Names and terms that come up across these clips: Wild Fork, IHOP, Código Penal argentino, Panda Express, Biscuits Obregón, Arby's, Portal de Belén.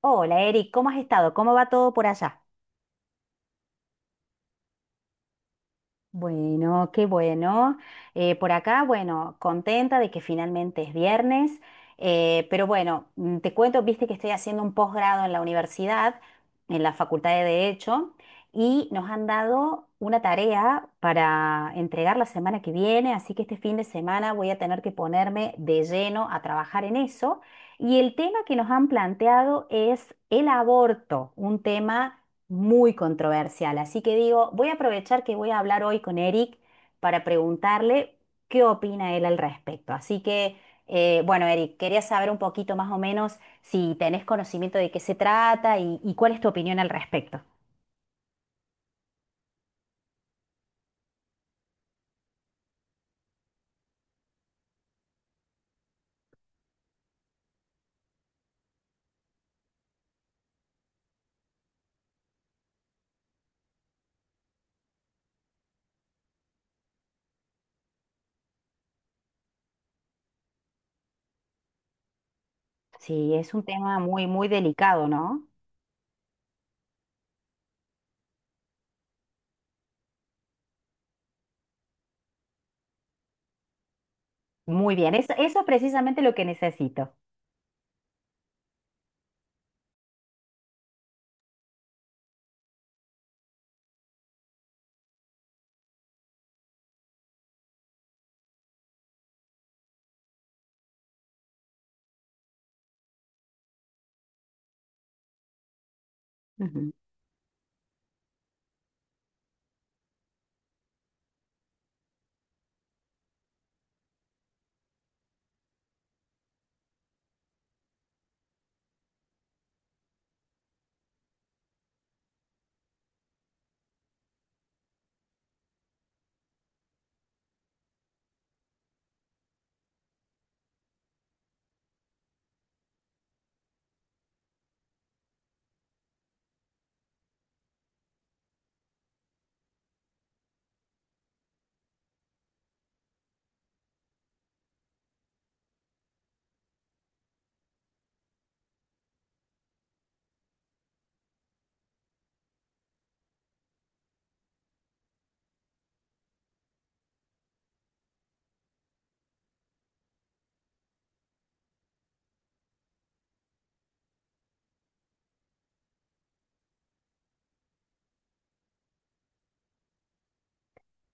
Hola Eric, ¿cómo has estado? ¿Cómo va todo por allá? Bueno, qué bueno. Por acá, bueno, contenta de que finalmente es viernes, pero bueno, te cuento, viste que estoy haciendo un posgrado en la universidad, en la Facultad de Derecho, y nos han dado una tarea para entregar la semana que viene, así que este fin de semana voy a tener que ponerme de lleno a trabajar en eso. Y el tema que nos han planteado es el aborto, un tema muy controversial. Así que digo, voy a aprovechar que voy a hablar hoy con Eric para preguntarle qué opina él al respecto. Así que, bueno, Eric, quería saber un poquito más o menos si tenés conocimiento de qué se trata y cuál es tu opinión al respecto. Sí, es un tema muy, muy delicado, ¿no? Muy bien, eso es precisamente lo que necesito. Ujú.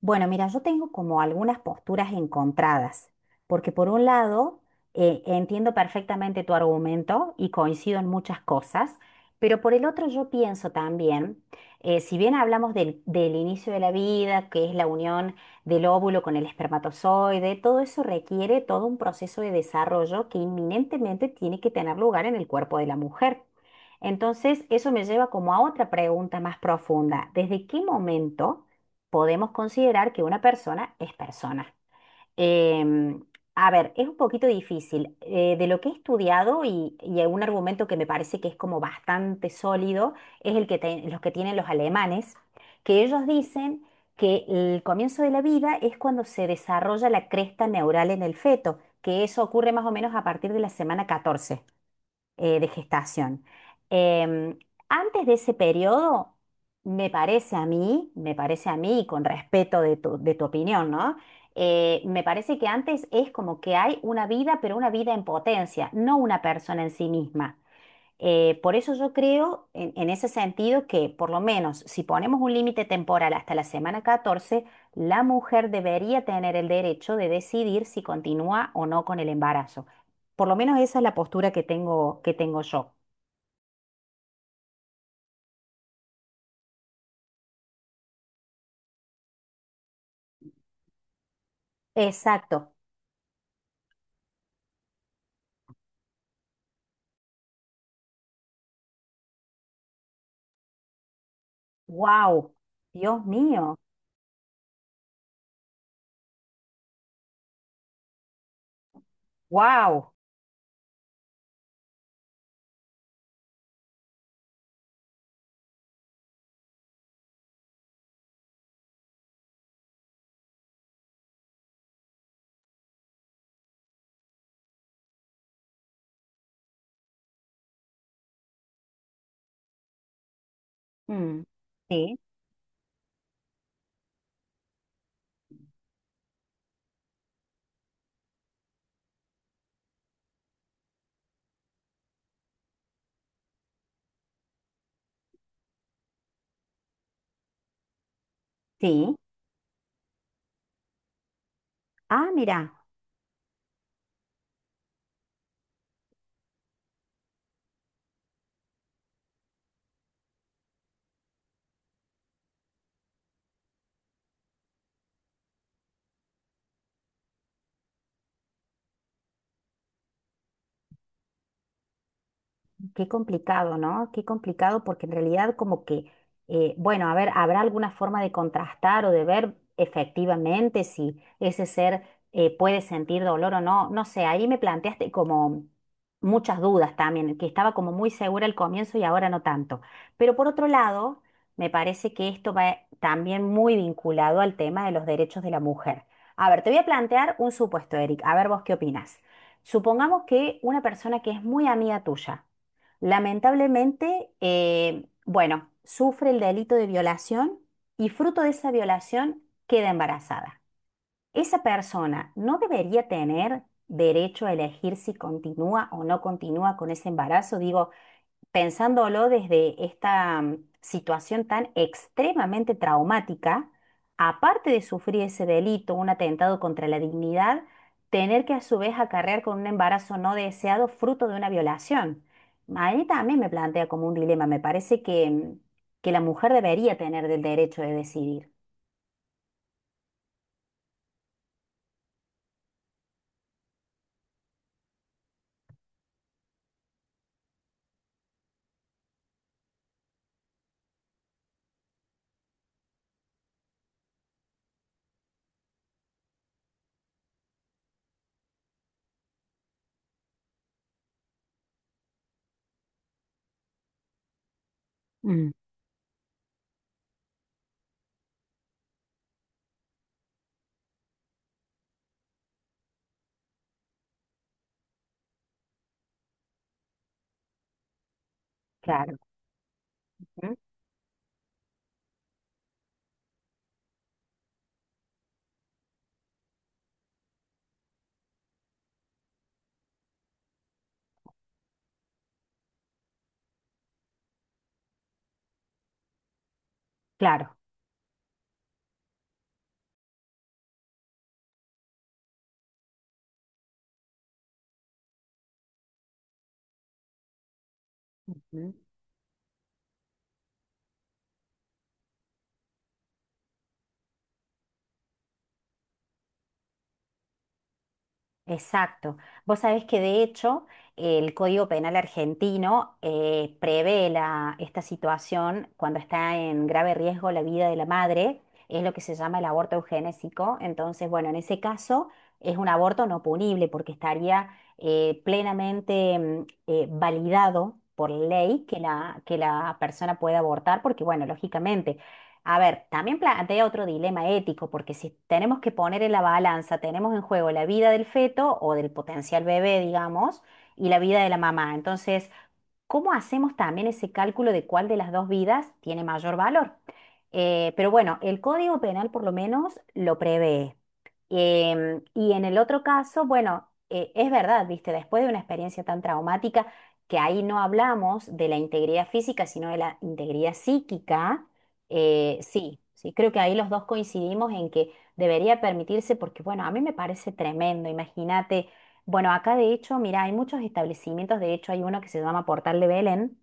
Bueno, mira, yo tengo como algunas posturas encontradas, porque por un lado entiendo perfectamente tu argumento y coincido en muchas cosas, pero por el otro yo pienso también, si bien hablamos del inicio de la vida, que es la unión del óvulo con el espermatozoide, todo eso requiere todo un proceso de desarrollo que inminentemente tiene que tener lugar en el cuerpo de la mujer. Entonces, eso me lleva como a otra pregunta más profunda: ¿desde qué momento podemos considerar que una persona es persona? Em, a ver, es un poquito difícil. De lo que he estudiado y un argumento que me parece que es como bastante sólido es el los que tienen los alemanes, que ellos dicen que el comienzo de la vida es cuando se desarrolla la cresta neural en el feto, que eso ocurre más o menos a partir de la semana 14 de gestación. Em, Antes de ese periodo, me parece a mí, me parece a mí, y con respeto de tu opinión, ¿no? Me parece que antes es como que hay una vida, pero una vida en potencia, no una persona en sí misma. Por eso yo creo en ese sentido que por lo menos si ponemos un límite temporal hasta la semana 14, la mujer debería tener el derecho de decidir si continúa o no con el embarazo. Por lo menos esa es la postura que tengo yo. Exacto. Wow. Dios mío. Wow. Mm. Sí, sí. Ah, mira. Qué complicado, ¿no? Qué complicado porque en realidad como que, bueno, a ver, habrá alguna forma de contrastar o de ver efectivamente si ese ser puede sentir dolor o no. No sé, ahí me planteaste como muchas dudas también, que estaba como muy segura al comienzo y ahora no tanto. Pero por otro lado, me parece que esto va también muy vinculado al tema de los derechos de la mujer. A ver, te voy a plantear un supuesto, Eric. A ver vos qué opinás. Supongamos que una persona que es muy amiga tuya, lamentablemente, bueno, sufre el delito de violación y fruto de esa violación queda embarazada. Esa persona no debería tener derecho a elegir si continúa o no continúa con ese embarazo. Digo, pensándolo desde esta situación tan extremadamente traumática, aparte de sufrir ese delito, un atentado contra la dignidad, tener que a su vez acarrear con un embarazo no deseado fruto de una violación. A mí también me plantea como un dilema. Me parece que que la mujer debería tener el derecho de decidir. Mm, claro. ¿Mm? Claro. Exacto. Vos sabés que de hecho el Código Penal argentino prevé esta situación cuando está en grave riesgo la vida de la madre, es lo que se llama el aborto eugenésico. Entonces, bueno, en ese caso es un aborto no punible porque estaría plenamente validado por ley que la persona pueda abortar, porque bueno, lógicamente a ver, también plantea otro dilema ético, porque si tenemos que poner en la balanza, tenemos en juego la vida del feto o del potencial bebé, digamos, y la vida de la mamá. Entonces, ¿cómo hacemos también ese cálculo de cuál de las dos vidas tiene mayor valor? Pero bueno, el Código Penal por lo menos lo prevé. Y en el otro caso, bueno, es verdad, viste, después de una experiencia tan traumática, que ahí no hablamos de la integridad física, sino de la integridad psíquica, sí, sí, creo que ahí los dos coincidimos en que debería permitirse, porque bueno, a mí me parece tremendo, imagínate. Bueno, acá de hecho, mira, hay muchos establecimientos, de hecho hay uno que se llama Portal de Belén,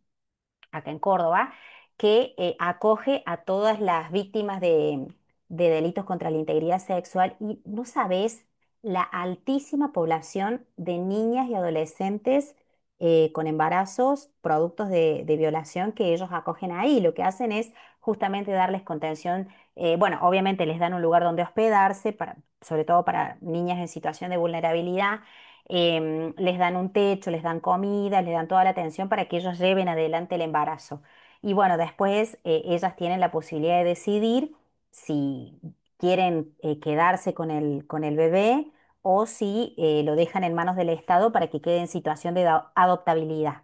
acá en Córdoba, que acoge a todas las víctimas de delitos contra la integridad sexual y no sabes la altísima población de niñas y adolescentes con embarazos, productos de violación que ellos acogen ahí. Lo que hacen es justamente darles contención, bueno, obviamente les dan un lugar donde hospedarse, para, sobre todo para niñas en situación de vulnerabilidad, les dan un techo, les dan comida, les dan toda la atención para que ellos lleven adelante el embarazo. Y bueno, después ellas tienen la posibilidad de decidir si quieren, quedarse con el bebé o si lo dejan en manos del Estado para que quede en situación de adoptabilidad.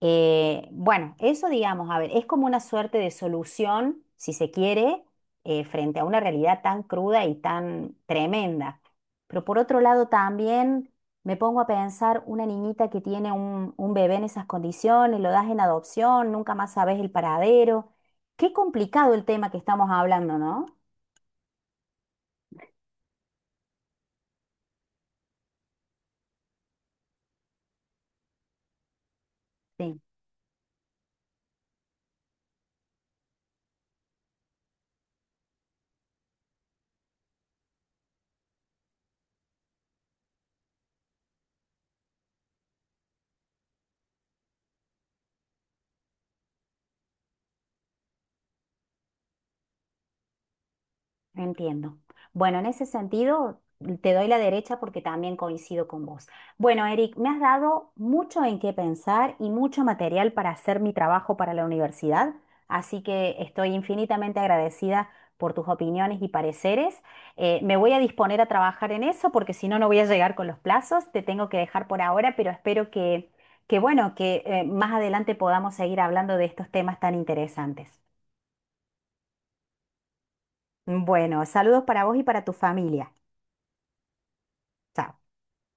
Bueno, eso digamos, a ver, es como una suerte de solución, si se quiere, frente a una realidad tan cruda y tan tremenda. Pero por otro lado también me pongo a pensar una niñita que tiene un bebé en esas condiciones, lo das en adopción, nunca más sabes el paradero. Qué complicado el tema que estamos hablando, ¿no? Sí. Entiendo. Bueno, en ese sentido, te doy la derecha porque también coincido con vos. Bueno, Eric, me has dado mucho en qué pensar y mucho material para hacer mi trabajo para la universidad, así que estoy infinitamente agradecida por tus opiniones y pareceres. Me voy a disponer a trabajar en eso porque si no, no voy a llegar con los plazos. Te tengo que dejar por ahora, pero espero que bueno, que más adelante podamos seguir hablando de estos temas tan interesantes. Bueno, saludos para vos y para tu familia. Chao.